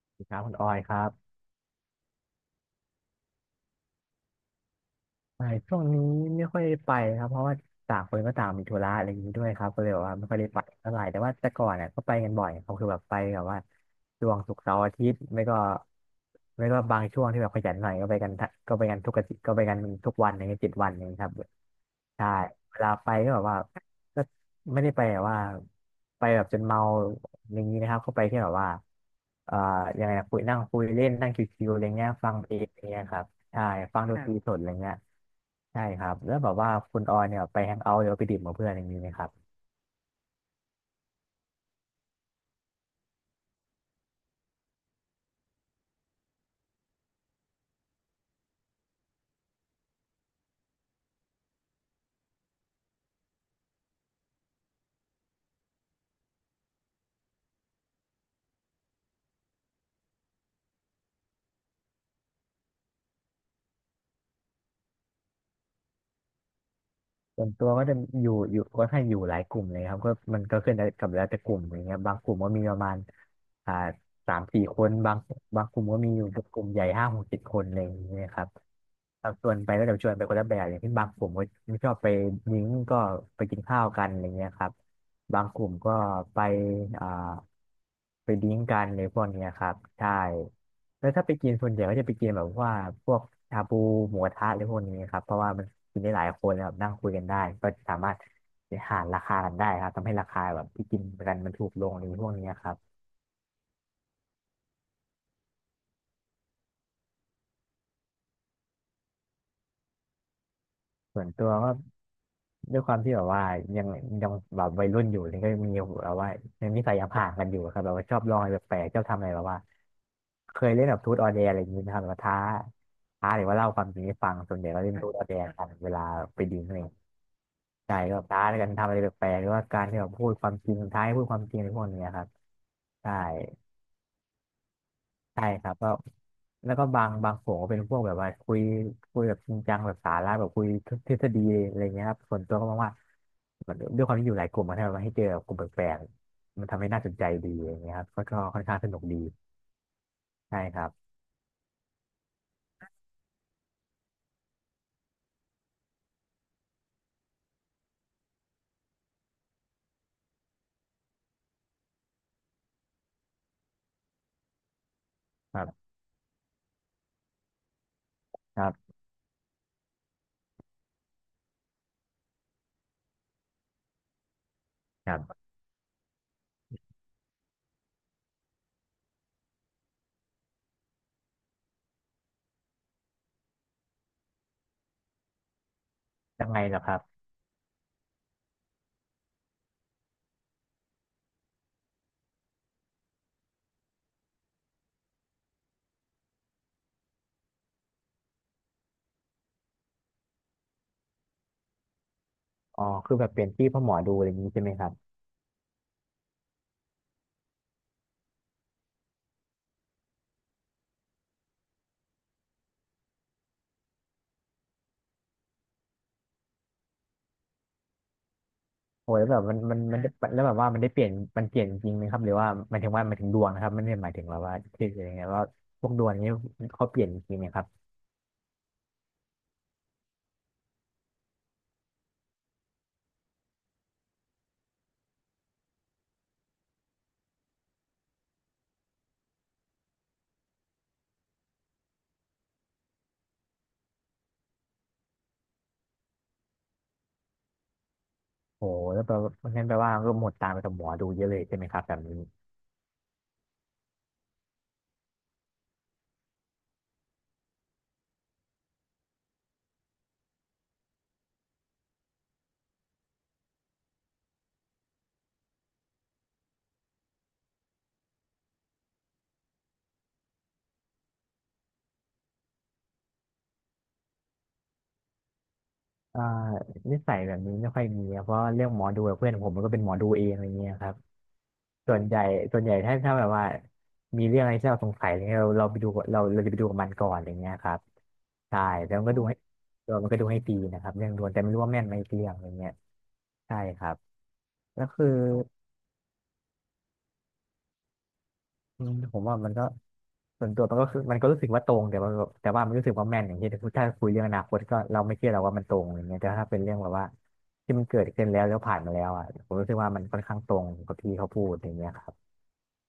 สวัสดีครับคุณออยครับไม่ช่วงนี้ไม่ค่อยได้ไปครับเพราะว่าต่างคนก็ต่างมีธุระอะไรอย่างนี้ด้วยครับก็เลยแบบว่าไม่ค่อยได้ไปเท่าไหร่แต่ว่าแต่ก่อนเนี่ยก็ไปกันบ่อยเขาคือแบบไปแบบว่าช่วงศุกร์เสาร์อาทิตย์ไม่ก็ไม่ก็บางช่วงที่แบบขยันหน่อยก็ไปกันทั้งก็ไปกันทุกอาทิตย์ก็ไปกันทุกวันอย่างเงี้ยเจ็ดวันอย่างเงี้ยครับใช่เวลาไปก็แบบว่าก็ไม่ได้ไปแบบว่าไปแบบจนเมาอย่างนี้นะครับเข้าไปที่แบบว่าเอ่อยังไงนะคุยนั่งคุยเล่นนั่งชิวๆอะไรเงี้ยฟังเพลงอะไรเงี้ยครับ ใช่ฟังดคนตรัรีบสดอะไรเงี้ยใช่ครับแล้วแบบว่าคุณออยเนี่ยไปแฮงเอาท์หรือว่าไปดื่มกับเพื่อนอย่างนี้ไหมครับส่วนตัวก็จะอยู่ก็ให้างอยู่หลายกลุ่มเลยครับก็มันก็ขึ้นได้กับแล้วแต่กลุ่มอย่างเงี้ยบางกลุ่มก็มีประมาณอ่าสามสี่คนบางกลุ่มก็มีอยู่กลุ่มใหญ่ห้าหกเจ็ดคนอะไรอย่างเงี้ยครับแรัส่วนไปก็จะชวนไปคนละแบบอย่างที่บางกลุ่มก็ไม่ชอบไปนิ้งก็ไปกินข้าวกันอะไรเงี้ยครับบางกลุ่มก็ไปอ่าไปดิ้งกันในพวกเนี้ยครับใช่ แล้วถ้าไปกินส่วนใหญ่ก็จะไปกินแบบว่าพวกชาบูหมูกระทะหรือพวกนี้ครับเพราะว่ามันกินได้หลายคนนะครับนั่งคุยกันได้ก็สามารถหารราคากันได้ครับทำให้ราคาแบบที่กินกันมันถูกลงหรือพวกนี้ครับส่วนตัวก็ด้วยความที่แบบว่ายังยังแบบวัยรุ่นอยู่นี่ก็มีแบบว่ายังนิสัยยังห่างกันอยู่ครับแบบว่าชอบลองอะไรแปลกๆชอบทำอะไรแบบว่าเคยเล่นแบบทูตออเดร์อะไรอย่างนี้นะครับแบบว่าท้าหรือว่าเล่าความจริงให้ฟังส่วนใหญ่ก็เล่นทูตออเดร์กันเวลาไปดิ้งอะไร ใช่แบบท้าในการทำอะไรแปลกๆหรือว่าการที่แบบพูดความจริงท้ายพูดความจริงในพวกเนี้ยครับใช่ใช่ครับก็แล้วก็บางโขก็เป็นพวกแบบว่าคุยแบบจริงจังแบบสาระแบบคุยทฤษฎีอะไรเงี้ยครับส่วนตัวก็มองว่าด้วยความที่อยู่หลายกลุ่มมันทำให้เจอกลุ่มแปลกๆมันทำให้น่าสนใจดีอย่างเงี้ยครับก็ค่อนข้างสนุกดีใช่ครับครับครับครับยังไงเหรอครับอ๋อคือแบบเปลี่ยนที่เพ่อหมอดูอะไรอย่างนี้ใช่ไหมครับ โอ้ยแบบมันแล้วแบบว่ามันได้เปลี่ยนมันเปลี่ยนจริงไหมครับหรือว่าหมายถึงว่าหมายถึงดวงนะครับไม่ได้หมายถึงแบบว่าชื่ออะไรเงี้ยว่าพวกดวงนี้เขาเปลี่ยนจริงไหมครับโอ้แล้วแปลว่างั้นแปลว่าก็หมดตามไปกับหมอดูเยอะเลยใช่ไหมครับแบบนี้ อ่านิสัยแบบนี้ไม่ค่อยมีครับเพราะเรื่องหมอดูกับเพื่อนผมมันก็เป็นหมอดูเองอะไรเงี้ยครับส่วนใหญ่ส่วนใหญ่ถ้าแบบว่ามีเรื่องอะไรที่เราสงสัยอะไรเงี้ยเราไปดูกับเราจะไปดูกับมันก่อนอะไรเงี้ยครับใช่แล้วมันก็ดูให้เรามันก็ดูให้ฟรีนะครับเรื่องดวงแต่ไม่รู้ว่าแม่นไหมอีกเรื่องอะไรเงี้ยใช่ครับแล้วคือ อืมผมว่ามันก็ส่วนตัวมันก็คือมันก็รู้สึกว่าตรงแต่ว่ามันรู้สึกว่าแม่นอย่างที่ถ้าคุยเรื่องอนาคตก็เราไม่เชื่อเราว่ามันตรงอย่างเงี้ยแต่ถ้าเป็นเรื่องแบบว่าที่มันเกิดขึ้นแล้วผ่านมาแล้วอ่ะผมรู้สึกว่ามันค่อนข้างตรงกับที่เขาพูดอย่างเงี้ยครับ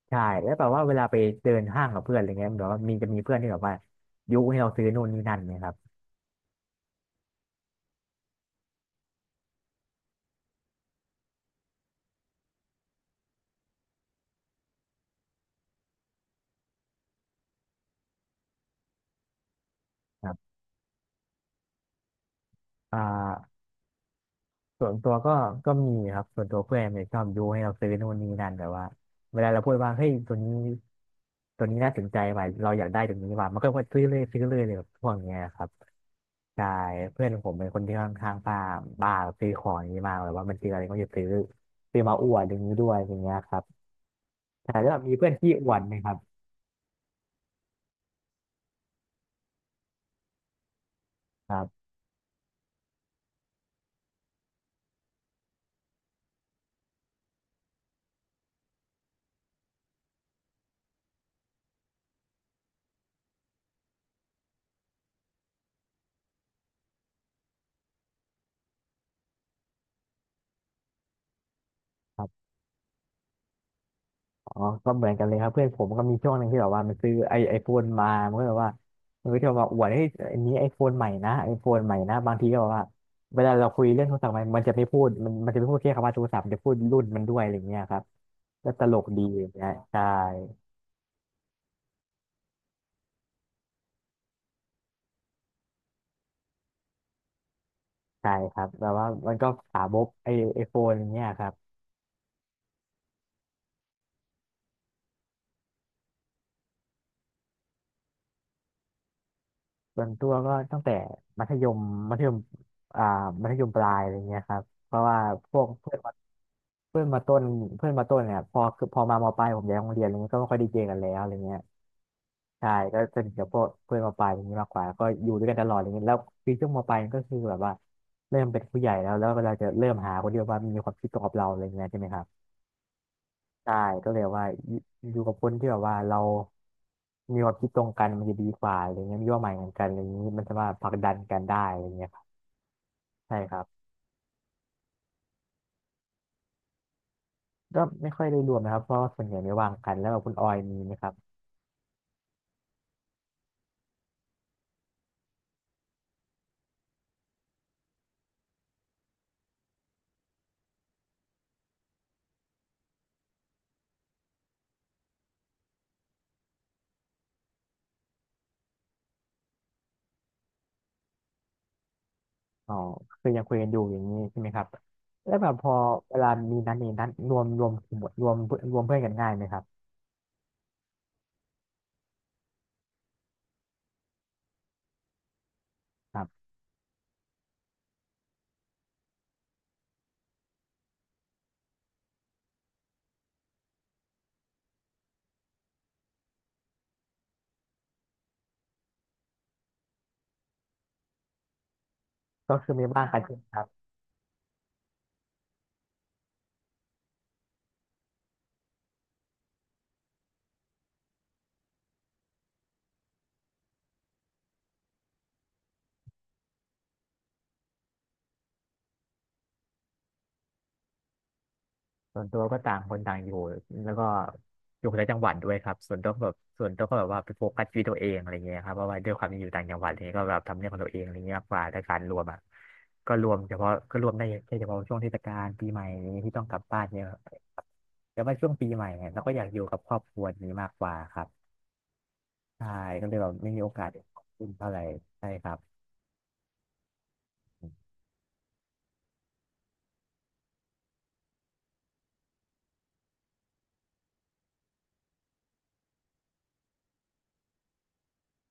ใช่แล้วแบบว่าเวลาไปเดินห้างกับเพื่อนอะไรเงี้ยแบบว่าจะมีเพื่อนที่แบบว่ายุให้เราซื้อนู่นนี่นั่นเนี่ยครับครับอ่า ส่วนตัวก็มีครับส่วนตัวเพื่อนเนี่ยชอบยุให้เราซื้อนู่นนี่นั่นแบบว่าเวลาเราพูดว่าเฮ้ยตัวนี้น่าสนใจว่ะเราอยากได้ตัวนี้ว่ะมันก็ว่าซื้อเลยซื้อเลยเลยแบบพวกเนี้ยครับใช่เพื่อนผมเป็นคนที่ค่อนข้างบ้าบ้าซื้อของอย่างนี้มากแบบว่ามันซื้ออะไรก็จะซื้อมาอวดอย่างนี้ด้วยอย่างเงี้ยครับใช่แล้วแบบมีเพื่อนที่อวดไหมครับครับ อ๋อก็เหมือนกันเลยครับเพื่อนผมก็มีช่วงหนึ่งที่แบบว่ามันซื้อไอโฟนมามันก็แบบว่ามันก็จะมาอวดให้ยอันนี้ไอโฟนใหม่นะไอโฟนใหม่นะบางทีก็แบบว่าเวลาเราคุยเรื่องโทรศัพท์มันจะไม่พูดมันจะไม่พูดแค่คำว่าโทรศัพท์มันจะพูดรุ่นมันด้วยอะไรอย่างเงี้ยครับก็ตลกดีอย่างเงี้ยใช่ใช่ครับแบบว่ามันก็สาบกไอโฟนอย่างเงี้ยครับส่วนตัวก็ตั้งแต่มัธยมมัธยมอ่ามัธยมปลายอะไรเงี้ยครับเพราะว่าพวกเพื่อน เพื่อนมาต้นเพื่อนมาต้นเนี่ยพอคือพอมามปลายผมย้ายโรงเรียนอะไรเงี้ยก็ไม่ค่อยไดีเจอกันแล้วอะไรเงี้ยใช่ก็สนิทกับพวกเพื่อนมปลายอย่างนี้มากกว่าก็อยู่ด้วยกันตลอดอะไรเงี้ยแล้วคือช่วงมปลายก็คือแบบว่าเริ่มเป็นผู้ใหญ่แล้วแล้วเวลาจะเริ่มหาคนที่แบบว่ามีความคิดตรงกับเราอะไรเงี้ยใช่ไหมครับใช่ก็เลยว่าอยู่กับคนที่แบบว่าเรามีความคิดตรงกันมันจะดีกว่าอะไรเงี้ยมีเป้าหมายเหมือนกันอะไรเงงี้ยมันจะมาผลักดันกันได้อะไรเงี้ยครับใช่ครับก็ไม่ค่อยได้รวมนะครับเพราะว่าส่วนใหญ่ไม่ว่างกันแล้วแบบคุณออยมีไหมครับ อ๋อคือยังคุยกันอยู่อย่างนี้ใช่ไหมครับแล้วแบบพอเวลามีนัดนี้นัดรวมรวมกลุ่มรวมนรวมเพื่อนกันง่ายไหมครับครับก็คือมีบ้างคกันใช่ไหมครับส่วนตัวก็ต่างคนต่างอยู่แล้วก็อยู่คนละจังหวัดด้วยครับส่วนตัวก็แบบว่าไปโฟกัสชีวิตตัวเองอะไรเงี้ยครับเพราะว่าด้วยความที่อยู่ต่างจังหวัดอะไรเงี้ยก็แบบทำเรื่องของตัวเองอะไรเงี้ยมากกว่าแต่การรวมอ่ะก็รวมได้แค่เฉพาะช่วงเทศกาลปีใหม่อะไรเงี้ยที่ต้องกลับบ้านเนี่ยครับแต่ว่าช่วงปีใหม่เนี่ยเราก็อยากอยู่กับครอบครัวนี้มากกว่าครับ ใช่ก็เลยแบบไม่มีโอกาสขึ้นเท่าไหร่ใช่ครับ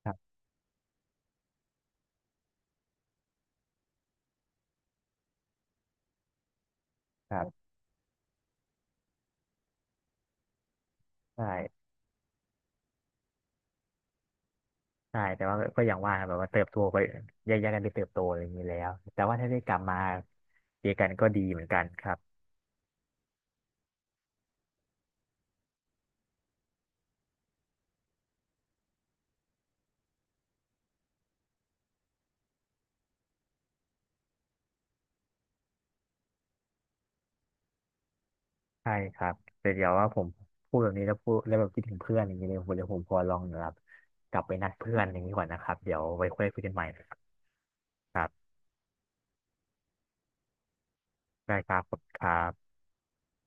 ครับครับใช่ใช่แต่ว่าก็อย่างว่าครับแบบว่าเติบโตไปแยกย้ายกันไปเติบโตอะไรอย่างนี้แล้ว แต่ว่าถ้าได้กลับมาเจอกันก็ดีเหมือนกันครับใช่ครับแต่เดี๋ยวว่าผมพูดแบบนี้แล้วพูดแล้วแบบคิดถึงเพื่อนอย่างนี้เลยผมเดี๋ยวผมพอลองแบบกลับไปนัดเพื่อนอย่างนี้ก่อนนะครับเดี๋ยวไว้ค่อยคุยกันใหม่นะครับได้ครับขอบคุณครับ